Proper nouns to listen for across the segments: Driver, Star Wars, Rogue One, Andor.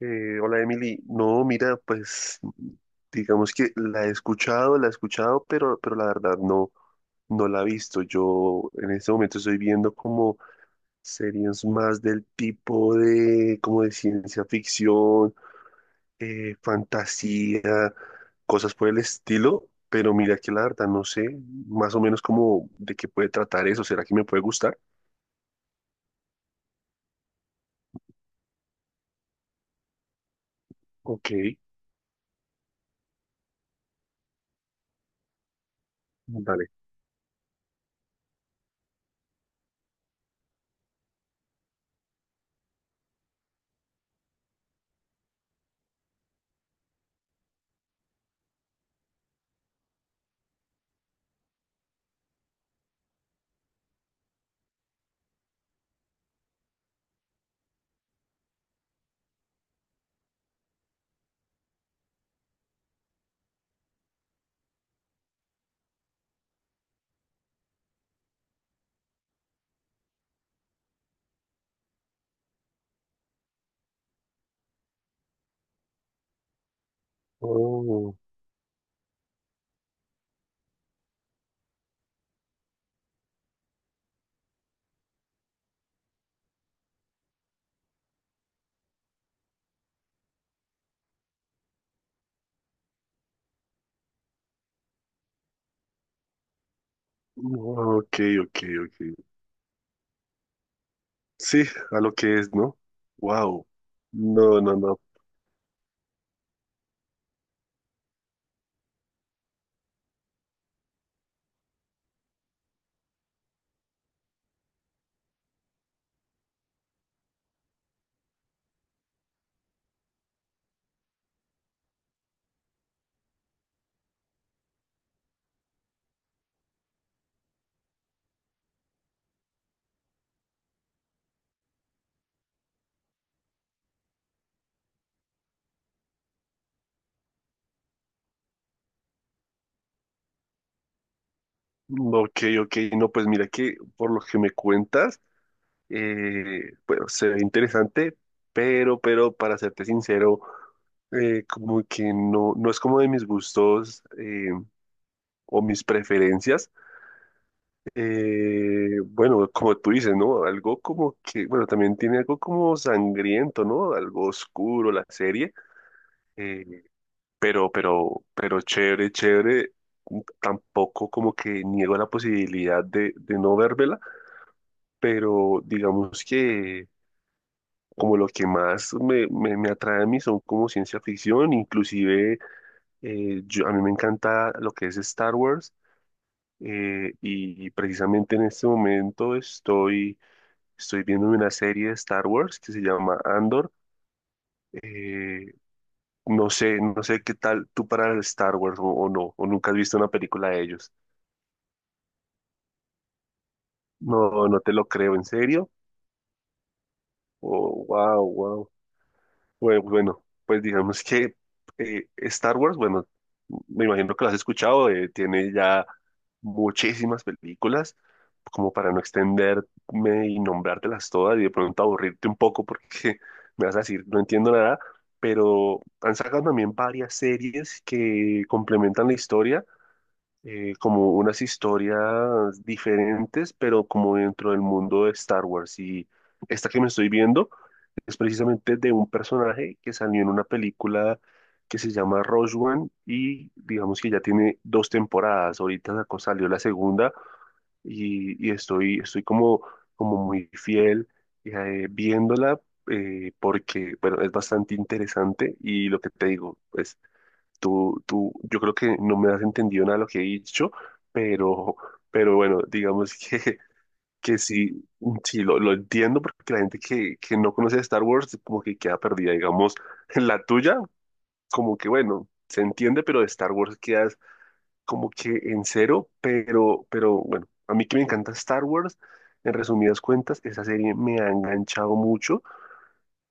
Hola Emily, no, mira, pues digamos que la he escuchado, pero la verdad no la he visto. Yo en este momento estoy viendo como series más del tipo de, como de ciencia ficción, fantasía, cosas por el estilo, pero mira que la verdad no sé más o menos como de qué puede tratar eso, ¿será que me puede gustar? Ok, vale. Oh, ok, ok, ok. Sí, a lo que es, ¿no? Wow. No, no, no. Ok, ok. No, pues mira que por lo que me cuentas, bueno, se ve interesante, pero para serte sincero, como que no, no es como de mis gustos o mis preferencias. Bueno, como tú dices, ¿no? Algo como que, bueno, también tiene algo como sangriento, ¿no? Algo oscuro la serie. Eh, pero chévere, chévere. Tampoco como que niego la posibilidad de no vérmela, pero digamos que como lo que más me atrae a mí son como ciencia ficción, inclusive yo, a mí me encanta lo que es Star Wars, y precisamente en este momento estoy viendo una serie de Star Wars que se llama Andor. eh, no sé, no sé qué tal tú para el Star Wars o no, o nunca has visto una película de ellos. No, no te lo creo, ¿en serio? Oh, wow, wow. Bueno, bueno, pues digamos que Star Wars, bueno, me imagino que lo has escuchado, tiene ya muchísimas películas, como para no extenderme y nombrártelas todas y de pronto aburrirte un poco porque me vas a decir, no entiendo nada, pero han sacado también varias series que complementan la historia, como unas historias diferentes, pero como dentro del mundo de Star Wars. Y esta que me estoy viendo es precisamente de un personaje que salió en una película que se llama Rogue One y digamos que ya tiene dos temporadas. Ahorita salió la segunda y estoy como, como muy fiel, viéndola. Porque, bueno, es bastante interesante y lo que te digo, pues yo creo que no me has entendido nada de lo que he dicho, pero, pero bueno, digamos que sí, sí lo entiendo porque la gente que no conoce Star Wars como que queda perdida, digamos, en la tuya, como que bueno, se entiende, pero de Star Wars quedas como que en cero, pero bueno, a mí que me encanta Star Wars, en resumidas cuentas, esa serie me ha enganchado mucho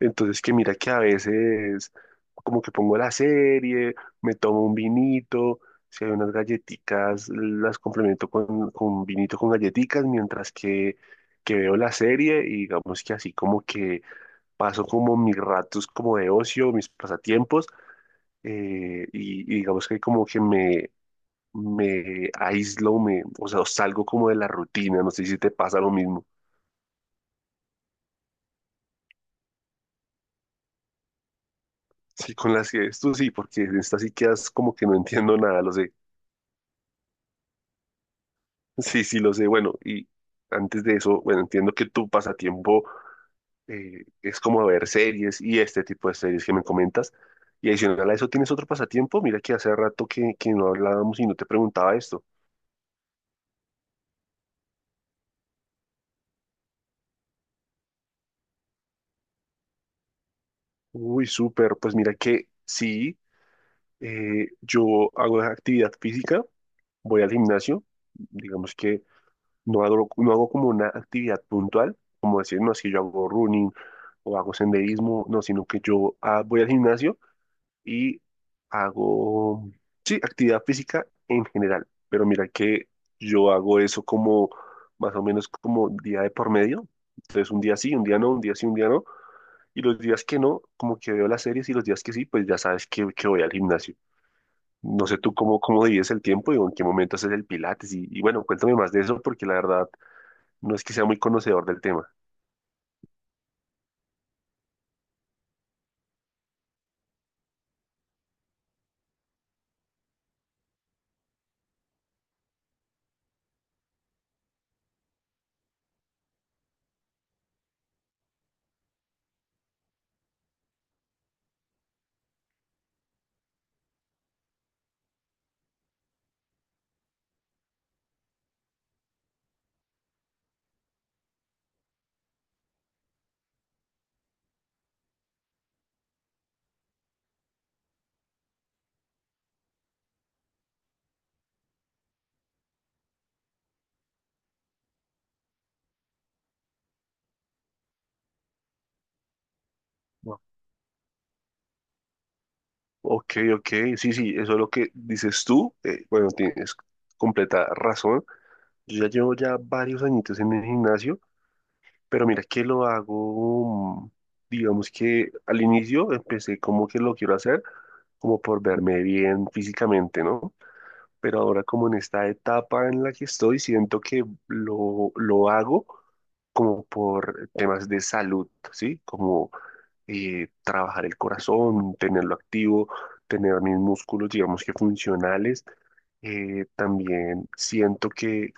entonces que mira que a veces como que pongo la serie, me tomo un vinito, si hay unas galletitas, las complemento con vinito con galletitas, mientras que veo la serie y digamos que así como que paso como mis ratos como de ocio, mis pasatiempos, y digamos que como que me aíslo, me, o sea, salgo como de la rutina, no sé si te pasa lo mismo. Sí, con las que esto sí, porque en esta sí quedas como que no entiendo nada, lo sé. Sí, sí, lo sé. Bueno, y antes de eso, bueno, entiendo que tu pasatiempo es como ver series y este tipo de series que me comentas. Y adicional a eso, ¿tienes otro pasatiempo? Mira que hace rato que no hablábamos y no te preguntaba esto. Uy, súper. Pues mira que sí, yo hago actividad física, voy al gimnasio, digamos que no hago, no hago como una actividad puntual, como decir, no, es que yo hago running o hago senderismo, no, sino que yo voy al gimnasio y hago, sí, actividad física en general, pero mira que yo hago eso como más o menos como día de por medio, entonces un día sí, un día no, un día sí, un día no, y los días que no, como que veo las series y los días que sí, pues ya sabes que voy al gimnasio. No sé tú cómo, cómo divides el tiempo y en qué momento haces el pilates y bueno, cuéntame más de eso porque la verdad no es que sea muy conocedor del tema. No. Ok, ok, sí, sí, eso es lo que dices tú, bueno, tienes completa razón. Yo ya llevo ya varios añitos en el gimnasio, pero mira que lo hago, digamos que al inicio empecé como que lo quiero hacer, como por verme bien físicamente, ¿no? Pero ahora como en esta etapa en la que estoy, siento que lo hago como por temas de salud, ¿sí? Como trabajar el corazón, tenerlo activo, tener mis músculos, digamos que funcionales, también siento que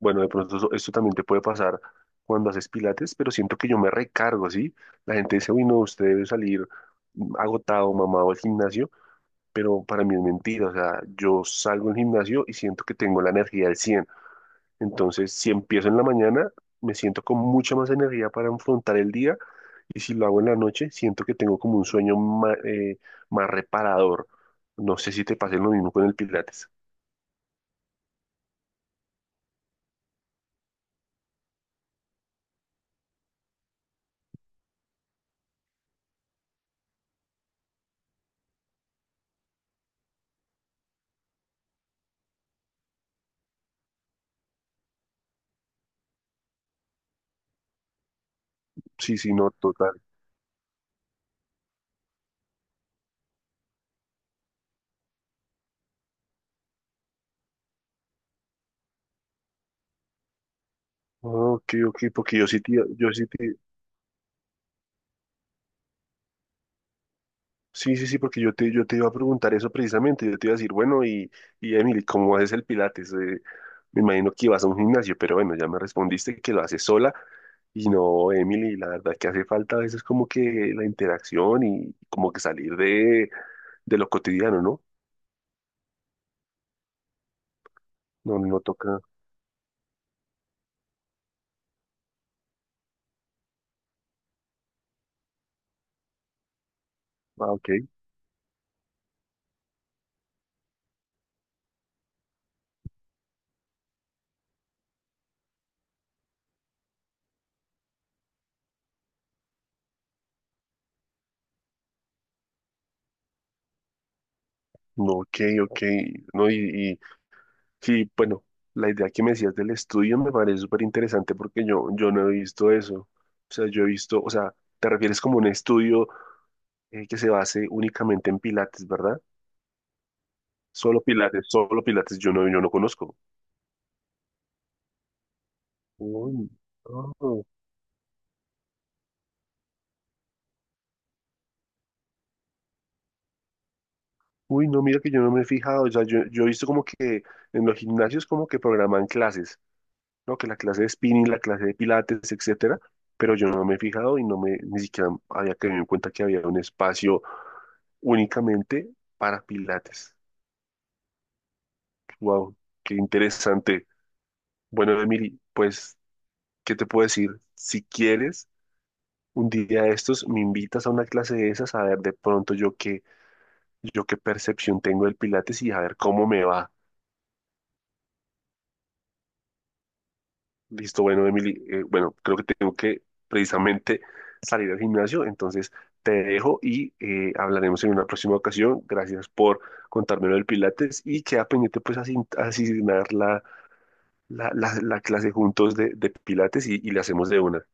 bueno, de pronto esto también te puede pasar cuando haces pilates, pero siento que yo me recargo, ¿sí? La gente dice, uy, no, usted debe salir agotado, mamado al gimnasio, pero para mí es mentira, o sea, yo salgo del gimnasio y siento que tengo la energía al 100. Entonces, si empiezo en la mañana, me siento con mucha más energía para afrontar el día y si lo hago en la noche, siento que tengo como un sueño más, reparador. No sé si te pase lo mismo con el pilates. Sí, sí, no, total. Ok, ok, porque yo sí, yo sí, sí, sí, sí, porque yo te iba a preguntar eso precisamente. Yo te iba a decir, bueno, y Emily, ¿cómo haces el Pilates? Me imagino que ibas a un gimnasio, pero bueno, ya me respondiste que lo haces sola. Y no, Emily, la verdad que hace falta a veces como que la interacción y como que salir de lo cotidiano, ¿no? No, no toca. Ah, ok. No, ok, ok. No, y, bueno, la idea que me decías del estudio me parece súper interesante porque yo no he visto eso. O sea, yo he visto, o sea, ¿te refieres como un estudio? ¿Que se base únicamente en Pilates, ¿verdad? Solo Pilates, yo no, yo no conozco. Uy, no. Uy, no, mira que yo no me he fijado, o sea, yo he visto como que en los gimnasios como que programan clases, ¿no? Que la clase de spinning, la clase de Pilates, etcétera, pero yo no me he fijado y no me, ni siquiera había tenido en cuenta que había un espacio únicamente para Pilates. Wow, qué interesante. Bueno, Emily, pues, ¿qué te puedo decir? Si quieres... Un día de estos me invitas a una clase de esas a ver de pronto yo qué percepción tengo del Pilates y a ver cómo me va. Listo, bueno, Emily, bueno, creo que tengo que precisamente salir al gimnasio, entonces te dejo y hablaremos en una próxima ocasión. Gracias por contármelo del Pilates y queda pendiente pues asignar la clase juntos de Pilates y la hacemos de una.